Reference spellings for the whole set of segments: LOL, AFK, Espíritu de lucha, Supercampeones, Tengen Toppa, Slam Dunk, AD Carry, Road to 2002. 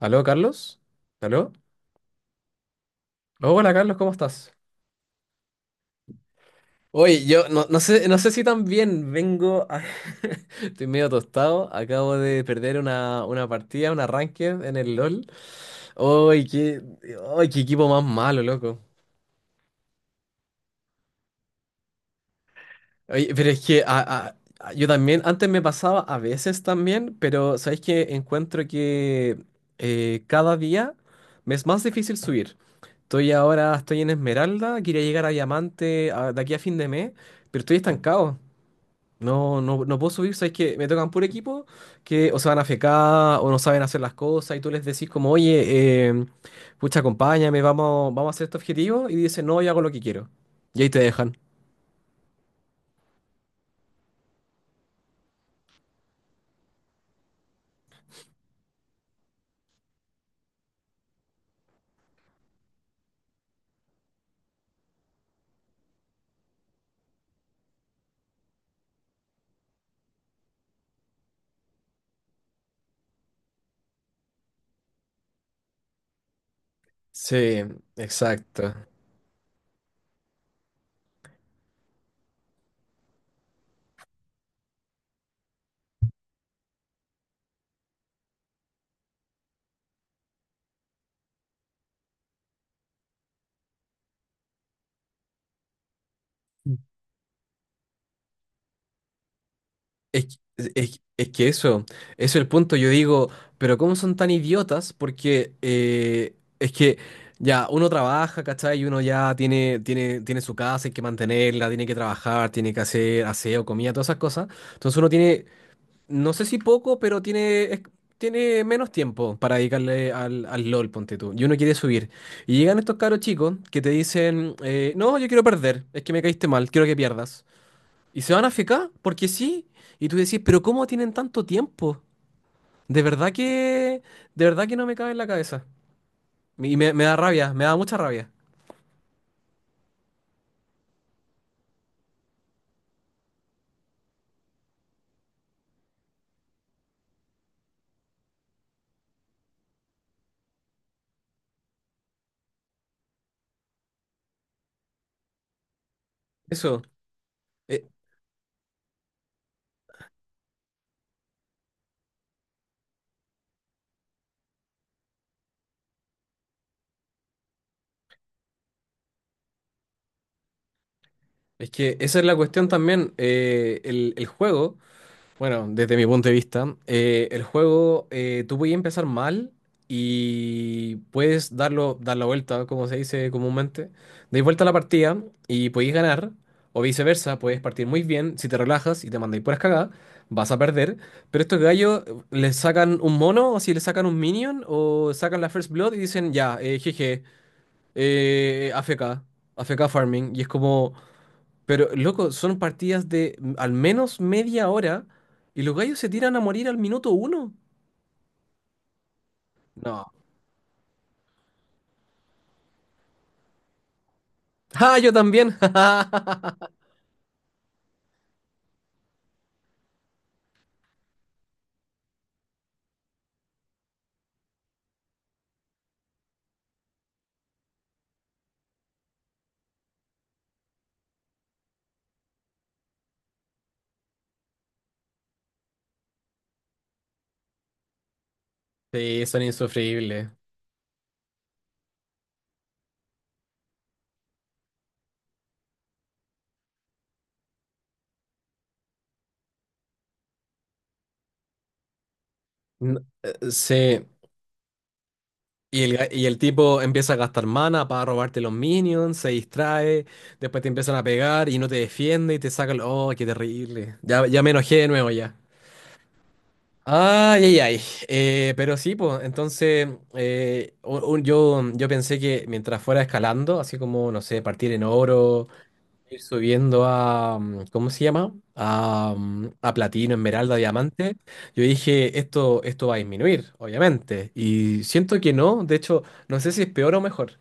¿Aló, Carlos? ¿Aló? Hola, Carlos, ¿cómo estás? Oye, yo no sé si también vengo a- Estoy medio tostado, acabo de perder una partida, un arranque en el LOL. ¡Ay, qué, ay, qué equipo más malo, loco! Oye, pero es que yo también, antes me pasaba a veces también, pero sabéis que encuentro que cada día me es más difícil subir. Estoy en Esmeralda, quería llegar a Diamante de aquí a fin de mes, pero estoy estancado. No puedo subir, sabes que me tocan puro equipo que o se van a fecar o no saben hacer las cosas y tú les decís como, oye, pucha, acompáñame, vamos, vamos a hacer este objetivo y dicen, no, yo hago lo que quiero. Y ahí te dejan. Sí, exacto. Es, es que eso es el punto. Yo digo, pero ¿cómo son tan idiotas? Porque es que ya uno trabaja, ¿cachai? Y uno ya tiene, tiene su casa, hay que mantenerla, tiene que trabajar, tiene que hacer aseo, comida, todas esas cosas. Entonces uno tiene, no sé si poco, pero tiene, tiene menos tiempo para dedicarle al, al LOL, ponte tú. Y uno quiere subir. Y llegan estos caros chicos que te dicen, no, yo quiero perder, es que me caíste mal, quiero que pierdas. Y se van a fecar, porque sí. Y tú decís, pero ¿cómo tienen tanto tiempo? De verdad que, de verdad que no me cabe en la cabeza. Y me da rabia, me da mucha rabia. Eso, eh, es que esa es la cuestión también. El juego Bueno, desde mi punto de vista, el juego, tú puedes empezar mal y puedes dar la vuelta, como se dice comúnmente. Deis vuelta a la partida y podéis ganar, o viceversa, puedes partir muy bien. Si te relajas y te mandáis puras cagadas, vas a perder. Pero estos gallos les sacan un mono, o si les sacan un minion, o sacan la First Blood y dicen, ya, AFK, AFK Farming. Y es como. Pero, loco, son partidas de al menos media hora y los gallos se tiran a morir al minuto uno. No. ¡Ah, yo también! Sí, son insufribles. Sí. Y el, y el tipo empieza a gastar mana para robarte los minions, se distrae, después te empiezan a pegar y no te defiende y te sacan. ¡Oh, qué terrible! Ya me enojé de nuevo ya. Ay, ay, ay. Pero sí, pues, entonces yo pensé que mientras fuera escalando, así como, no sé, partir en oro, ir subiendo a, ¿cómo se llama? A platino, esmeralda, diamante, yo dije, esto va a disminuir, obviamente. Y siento que no, de hecho, no sé si es peor o mejor.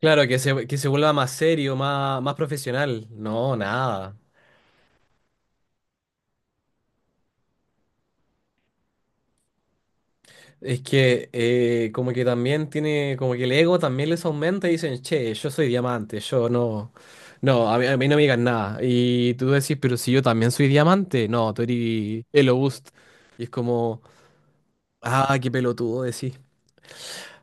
Claro, que se vuelva más serio, más profesional. No, nada. Es que como que también tiene, como que el ego también les aumenta y dicen, che, yo soy diamante, yo no, no, a mí, no me digan nada. Y tú decís, pero si yo también soy diamante, no, tú eres Elobust. Y es como, ah, qué pelotudo decís.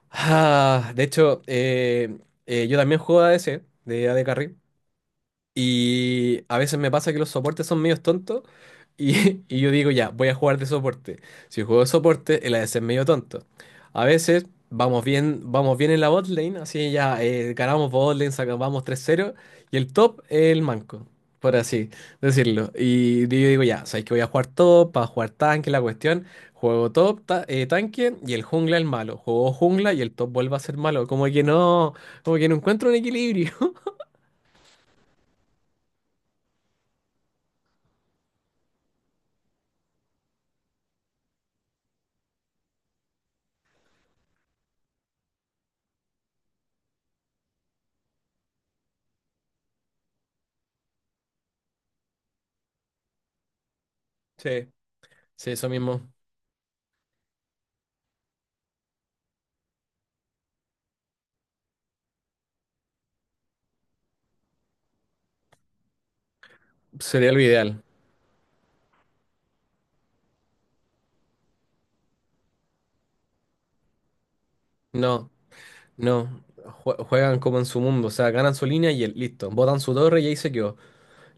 Ah, de hecho, yo también juego ADC, de A AD Carry. Y a veces me pasa que los soportes son medios tontos y, y yo digo, ya, voy a jugar de soporte. Si juego de soporte, el ADC es medio tonto. A veces vamos bien en la bot lane, así ya ganamos bot lane, sacamos 3-0 y el top es el manco, por así decirlo. Y yo digo, ya, sabéis que voy a jugar top, para jugar tanque, la cuestión. Juego top, tanque y el jungla el malo. Juego jungla y el top vuelve a ser malo. Como que no encuentro un equilibrio. Sí, sí, eso mismo. Sería lo ideal. No, no. Juegan como en su mundo, o sea, ganan su línea y listo. Botan su torre y ahí se quedó.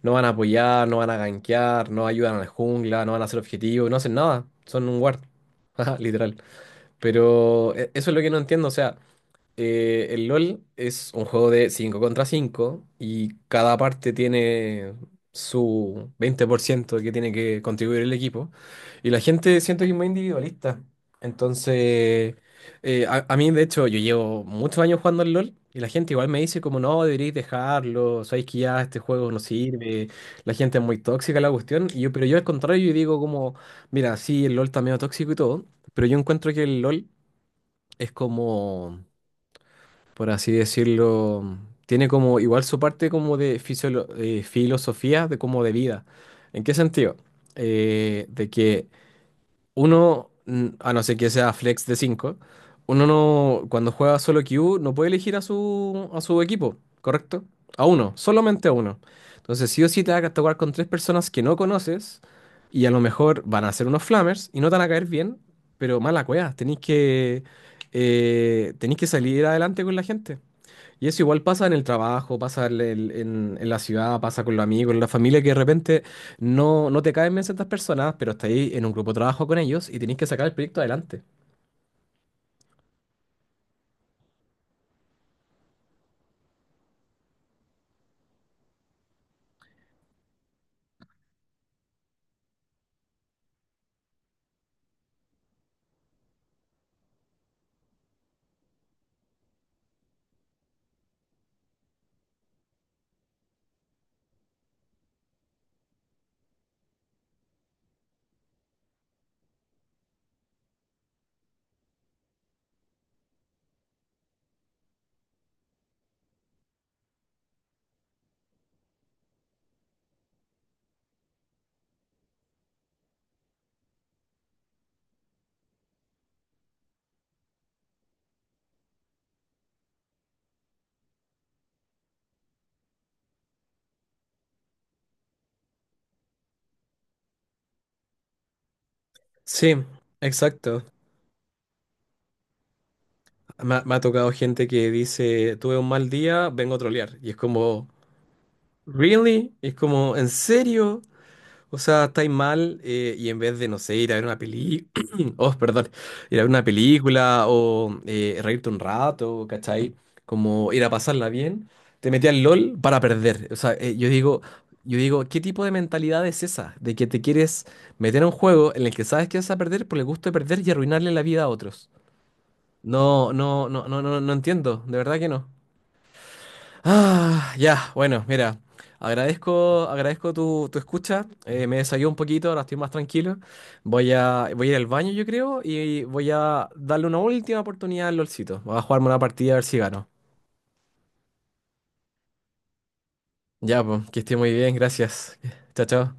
No van a apoyar, no van a gankear, no ayudan a la jungla, no van a hacer objetivos, no hacen nada. Son un guard. Ajá, literal. Pero eso es lo que no entiendo, o sea. El LOL es un juego de 5 contra 5 y cada parte tiene su 20% que tiene que contribuir el equipo. Y la gente siento que es muy individualista. Entonces, a mí de hecho yo llevo muchos años jugando al LOL y la gente igual me dice como no, deberíais dejarlo, sabéis que ya este juego no sirve, la gente es muy tóxica la cuestión. Y yo, pero yo al contrario, yo digo como, mira, sí, el LOL está medio tóxico y todo, pero yo encuentro que el LOL es como por así decirlo, tiene como igual su parte como de filosofía, de como de vida. ¿En qué sentido? De que uno, a no ser que sea flex de 5 uno no, cuando juega solo Q no puede elegir a su equipo, ¿correcto? A uno, solamente a uno. Entonces sí o sí te vas a tocar con tres personas que no conoces y a lo mejor van a ser unos flamers y no te van a caer bien, pero mala cueva, tenéis que salir adelante con la gente. Y eso igual pasa en el trabajo, pasa en, en la ciudad, pasa con los amigos, en la familia, que de repente no, no te caen bien ciertas personas, pero estás ahí en un grupo de trabajo con ellos y tenés que sacar el proyecto adelante. Sí, exacto. Me ha tocado gente que dice, tuve un mal día, vengo a trolear. Y es como, ¿really? Y es como, ¿en serio? O sea, estáis mal y en vez de, no sé, ir a ver una oh, perdón, ir a ver una película o reírte un rato, ¿cachai? Como ir a pasarla bien, te metí al LOL para perder. O sea, yo digo, ¿qué tipo de mentalidad es esa? De que te quieres meter a un juego en el que sabes que vas a perder por el gusto de perder y arruinarle la vida a otros. No, no, no, no, no, no entiendo, de verdad que no. Ah, ya, bueno, mira, agradezco tu escucha, me desahogué un poquito, ahora estoy más tranquilo, voy a ir al baño yo creo y voy a darle una última oportunidad al LOLcito, voy a jugarme una partida a ver si gano. Ya, pues, que esté muy bien, gracias, chao, chao.